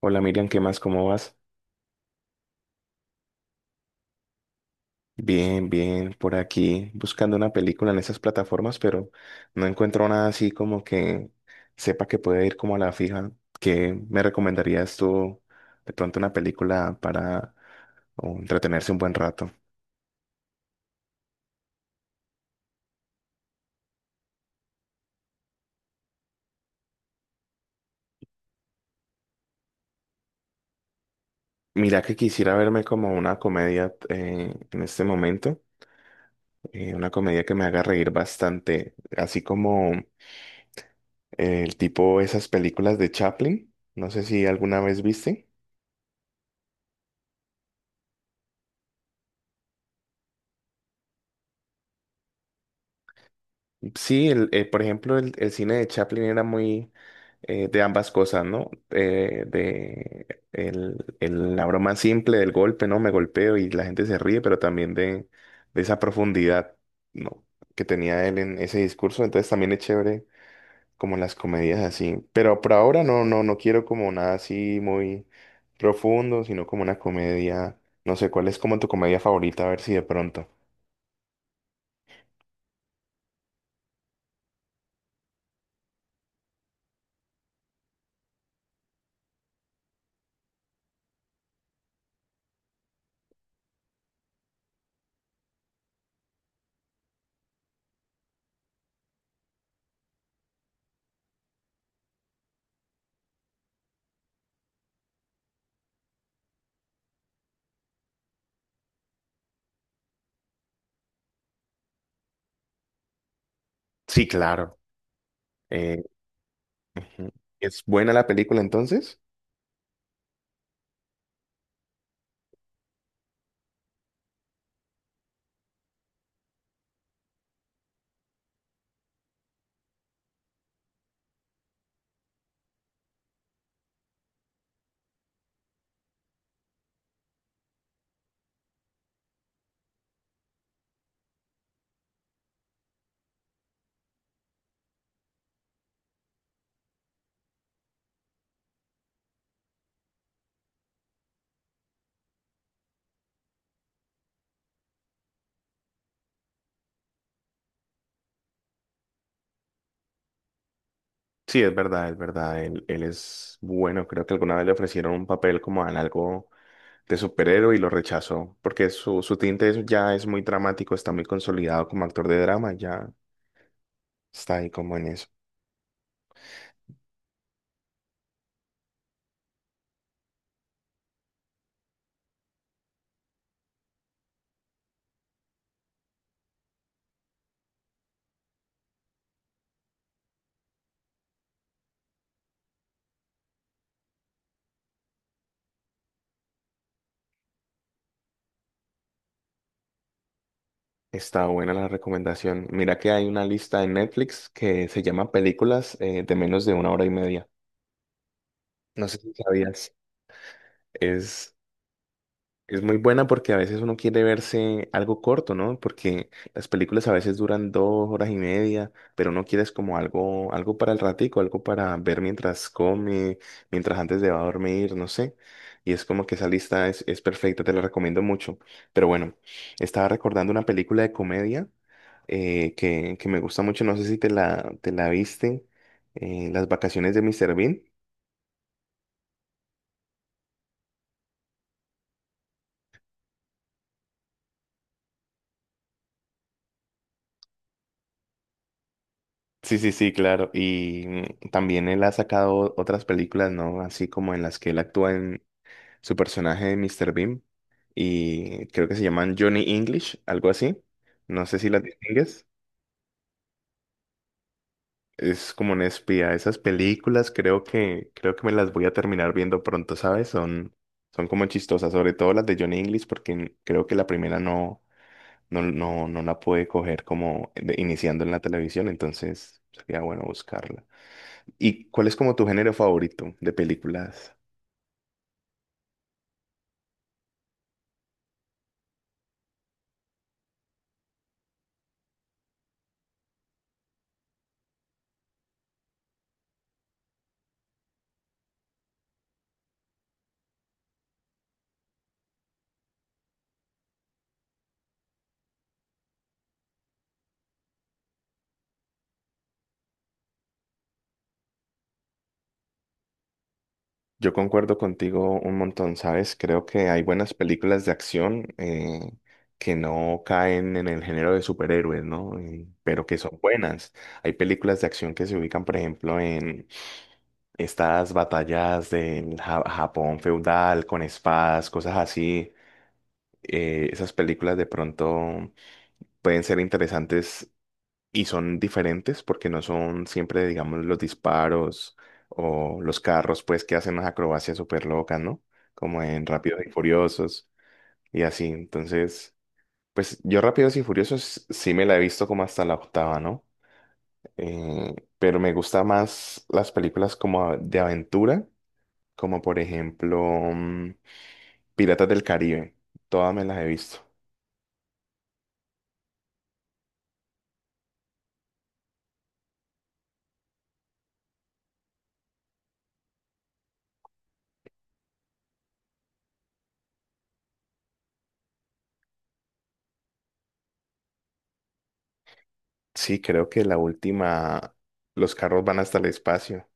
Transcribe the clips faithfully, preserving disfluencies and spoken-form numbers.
Hola Miriam, ¿qué más? ¿Cómo vas? Bien, bien, por aquí buscando una película en esas plataformas, pero no encuentro nada así como que sepa que puede ir como a la fija. ¿Qué me recomendarías tú de pronto una película para o, entretenerse un buen rato? Mira que quisiera verme como una comedia eh, en este momento, eh, una comedia que me haga reír bastante, así como eh, el tipo esas películas de Chaplin, no sé si alguna vez viste. Sí, el, eh, por ejemplo, el, el cine de Chaplin era muy eh, de ambas cosas, ¿no? Eh, de el, el- la broma simple del golpe, ¿no? Me golpeo y la gente se ríe, pero también de, de esa profundidad, ¿no? que tenía él en ese discurso. Entonces también es chévere como las comedias así. Pero por ahora no, no, no quiero como nada así muy profundo, sino como una comedia. No sé, ¿cuál es como tu comedia favorita? A ver si de pronto. Sí, claro. Ujú. ¿Es buena la película entonces? Sí, es verdad, es verdad. Él, él es bueno. Creo que alguna vez le ofrecieron un papel como en algo de superhéroe y lo rechazó, porque su, su tinte es- ya es muy dramático, está muy consolidado como actor de drama, ya está ahí como en eso. Está buena la recomendación. Mira que hay una lista en Netflix que se llama Películas eh, de menos de una hora y media. No sé si sabías. Es Es muy buena porque a veces uno quiere verse algo corto, ¿no? Porque las películas a veces duran dos horas y media, pero uno quiere es como algo, algo para el ratico, algo para ver mientras come, mientras antes de va a dormir, no sé. Y es como que esa lista es, es perfecta, te la recomiendo mucho. Pero bueno, estaba recordando una película de comedia eh, que, que me gusta mucho, no sé si te la, te la viste, eh, Las vacaciones de míster Bean. Sí, sí, sí, claro. Y mm, también él ha sacado otras películas, ¿no? Así como en las que él actúa en su personaje de míster Bean. Y creo que se llaman Johnny English, algo así. No sé si las distingues. Es como un espía. Esas películas creo que, creo que me las voy a terminar viendo pronto, ¿sabes? Son, son como chistosas, sobre todo las de Johnny English, porque mm, creo que la primera no, no, no, no la pude coger como de- iniciando en la televisión, entonces sería bueno buscarla. ¿Y cuál es como tu género favorito de películas? Yo concuerdo contigo un montón, ¿sabes? Creo que hay buenas películas de acción eh, que no caen en el género de superhéroes, ¿no? Eh, pero que son buenas. Hay películas de acción que se ubican, por ejemplo, en estas batallas de Japón feudal con espadas, cosas así. Eh, esas películas de pronto pueden ser interesantes y son diferentes porque no son siempre, digamos, los disparos o los carros, pues, que hacen unas acrobacias súper locas, ¿no? Como en Rápidos y Furiosos y así. Entonces, pues yo Rápidos y Furiosos sí me la he visto como hasta la octava, ¿no? Eh, pero me gusta más las películas como de aventura, como por ejemplo mm, Piratas del Caribe. Todas me las he visto. Sí, creo que la última, los carros van hasta el espacio.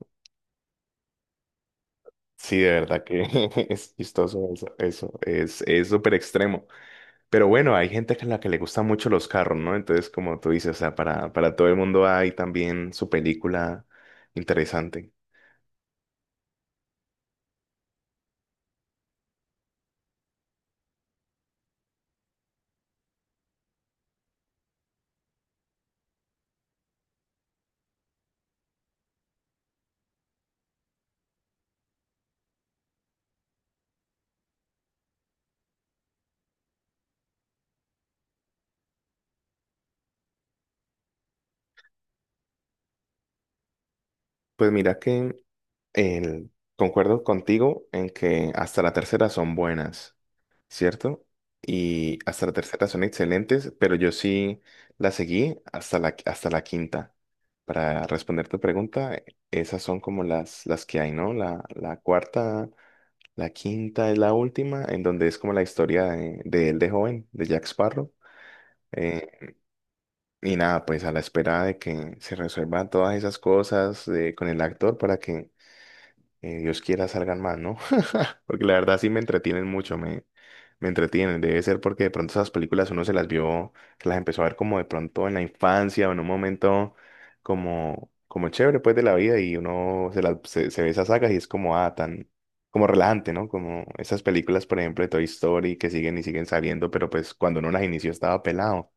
Sí, de verdad que es chistoso eso, eso es, es súper extremo. Pero bueno, hay gente a la que le gustan mucho los carros, ¿no? Entonces, como tú dices, o sea, para, para todo el mundo hay también su película interesante. Pues mira que el, concuerdo contigo en que hasta la tercera son buenas. ¿Cierto? Y hasta la tercera son excelentes, pero yo sí la seguí hasta la, hasta la quinta. Para responder tu pregunta, esas son como las, las que hay, ¿no? La, la cuarta, la quinta es la última, en donde es como la historia de, de él de joven, de Jack Sparrow. Eh, y nada, pues a la espera de que se resuelvan todas esas cosas eh, con el actor para que eh, Dios quiera salgan más, ¿no? Porque la verdad sí me entretienen mucho, me, me entretienen. Debe ser porque de pronto esas películas uno se las vio, se las empezó a ver como de pronto en la infancia o en un momento como, como chévere pues de la vida y uno se, las se, se ve esas sagas y es como, ah, tan, como relajante, ¿no? Como esas películas, por ejemplo, de Toy Story que siguen y siguen saliendo, pero pues cuando uno las inició estaba pelado.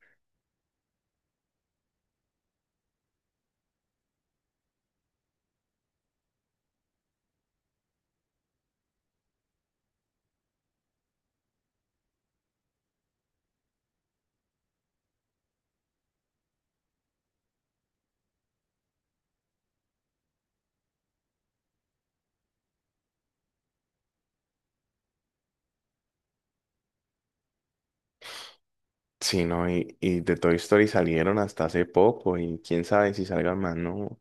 Sí, no, y, y de Toy Story salieron hasta hace poco y quién sabe si salgan más, ¿no?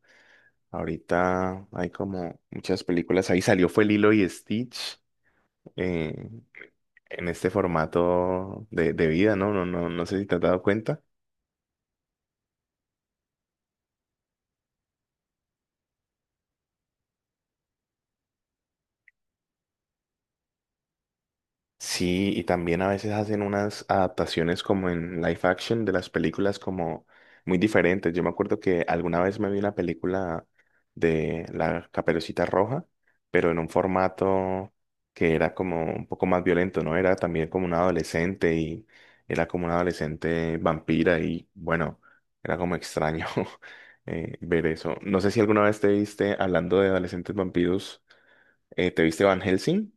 Ahorita hay como muchas películas. Ahí salió fue Lilo y Stitch eh, en este formato de, de vida, ¿no? No, no, no sé si te has dado cuenta. Sí, y también a veces hacen unas adaptaciones como en live action de las películas como muy diferentes. Yo me acuerdo que alguna vez me vi una película de La Caperucita Roja, pero en un formato que era como un poco más violento, ¿no? Era también como una adolescente y era como una adolescente vampira y bueno, era como extraño eh, ver eso. No sé si alguna vez te viste, hablando de adolescentes vampiros, eh, ¿te viste Van Helsing?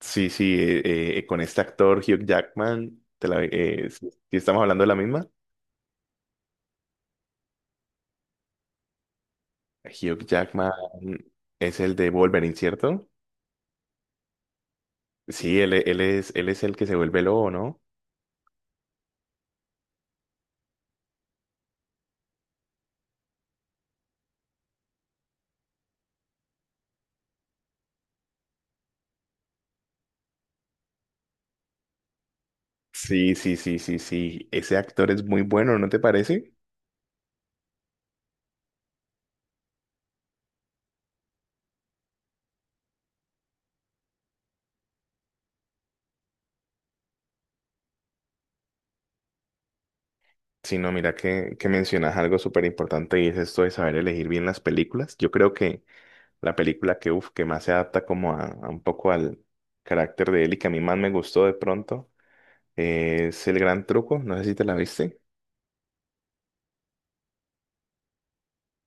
Sí, sí, eh, eh, con este actor Hugh Jackman, te la, eh, si si estamos hablando de la misma, Hugh Jackman es el de Wolverine, ¿cierto? Sí, él, e- él es, él es el que se vuelve lobo, ¿no? Sí, sí, sí, sí, sí, ese actor es muy bueno, ¿no te parece? Sí, no, mira que, que mencionas algo súper importante y es esto de saber elegir bien las películas. Yo creo que la película que, uf, que más se adapta como a, a un poco al carácter de él y que a mí más me gustó de pronto eh, es El Gran Truco, no sé si te la viste.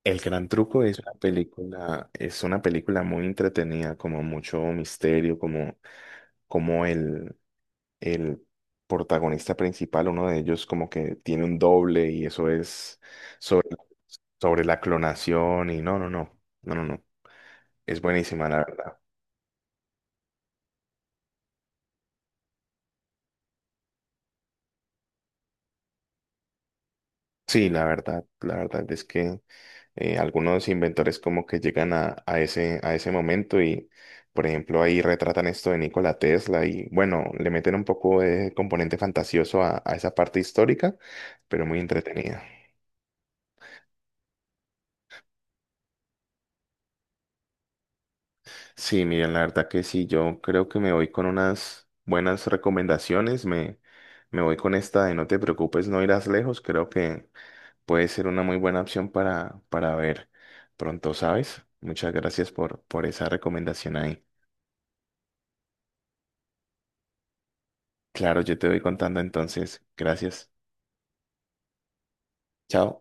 El Gran Truco es una película, es una película muy entretenida, como mucho misterio, como, como el, el protagonista principal, uno de ellos como que tiene un doble y eso es sobre, sobre la clonación y no, no, no, no, no, no, es buenísima la verdad. Sí, la verdad, la verdad es que eh, algunos inventores como que llegan a, a ese, a ese momento y, por ejemplo, ahí retratan esto de Nikola Tesla y, bueno, le meten un poco de componente fantasioso a, a esa parte histórica, pero muy entretenida. Sí, miren, la verdad que sí, yo creo que me voy con unas buenas recomendaciones, me, me voy con esta de No te preocupes, no irás lejos, creo que puede ser una muy buena opción para, para ver pronto, ¿sabes? Muchas gracias por, por esa recomendación ahí. Claro, yo te voy contando entonces. Gracias. Chao.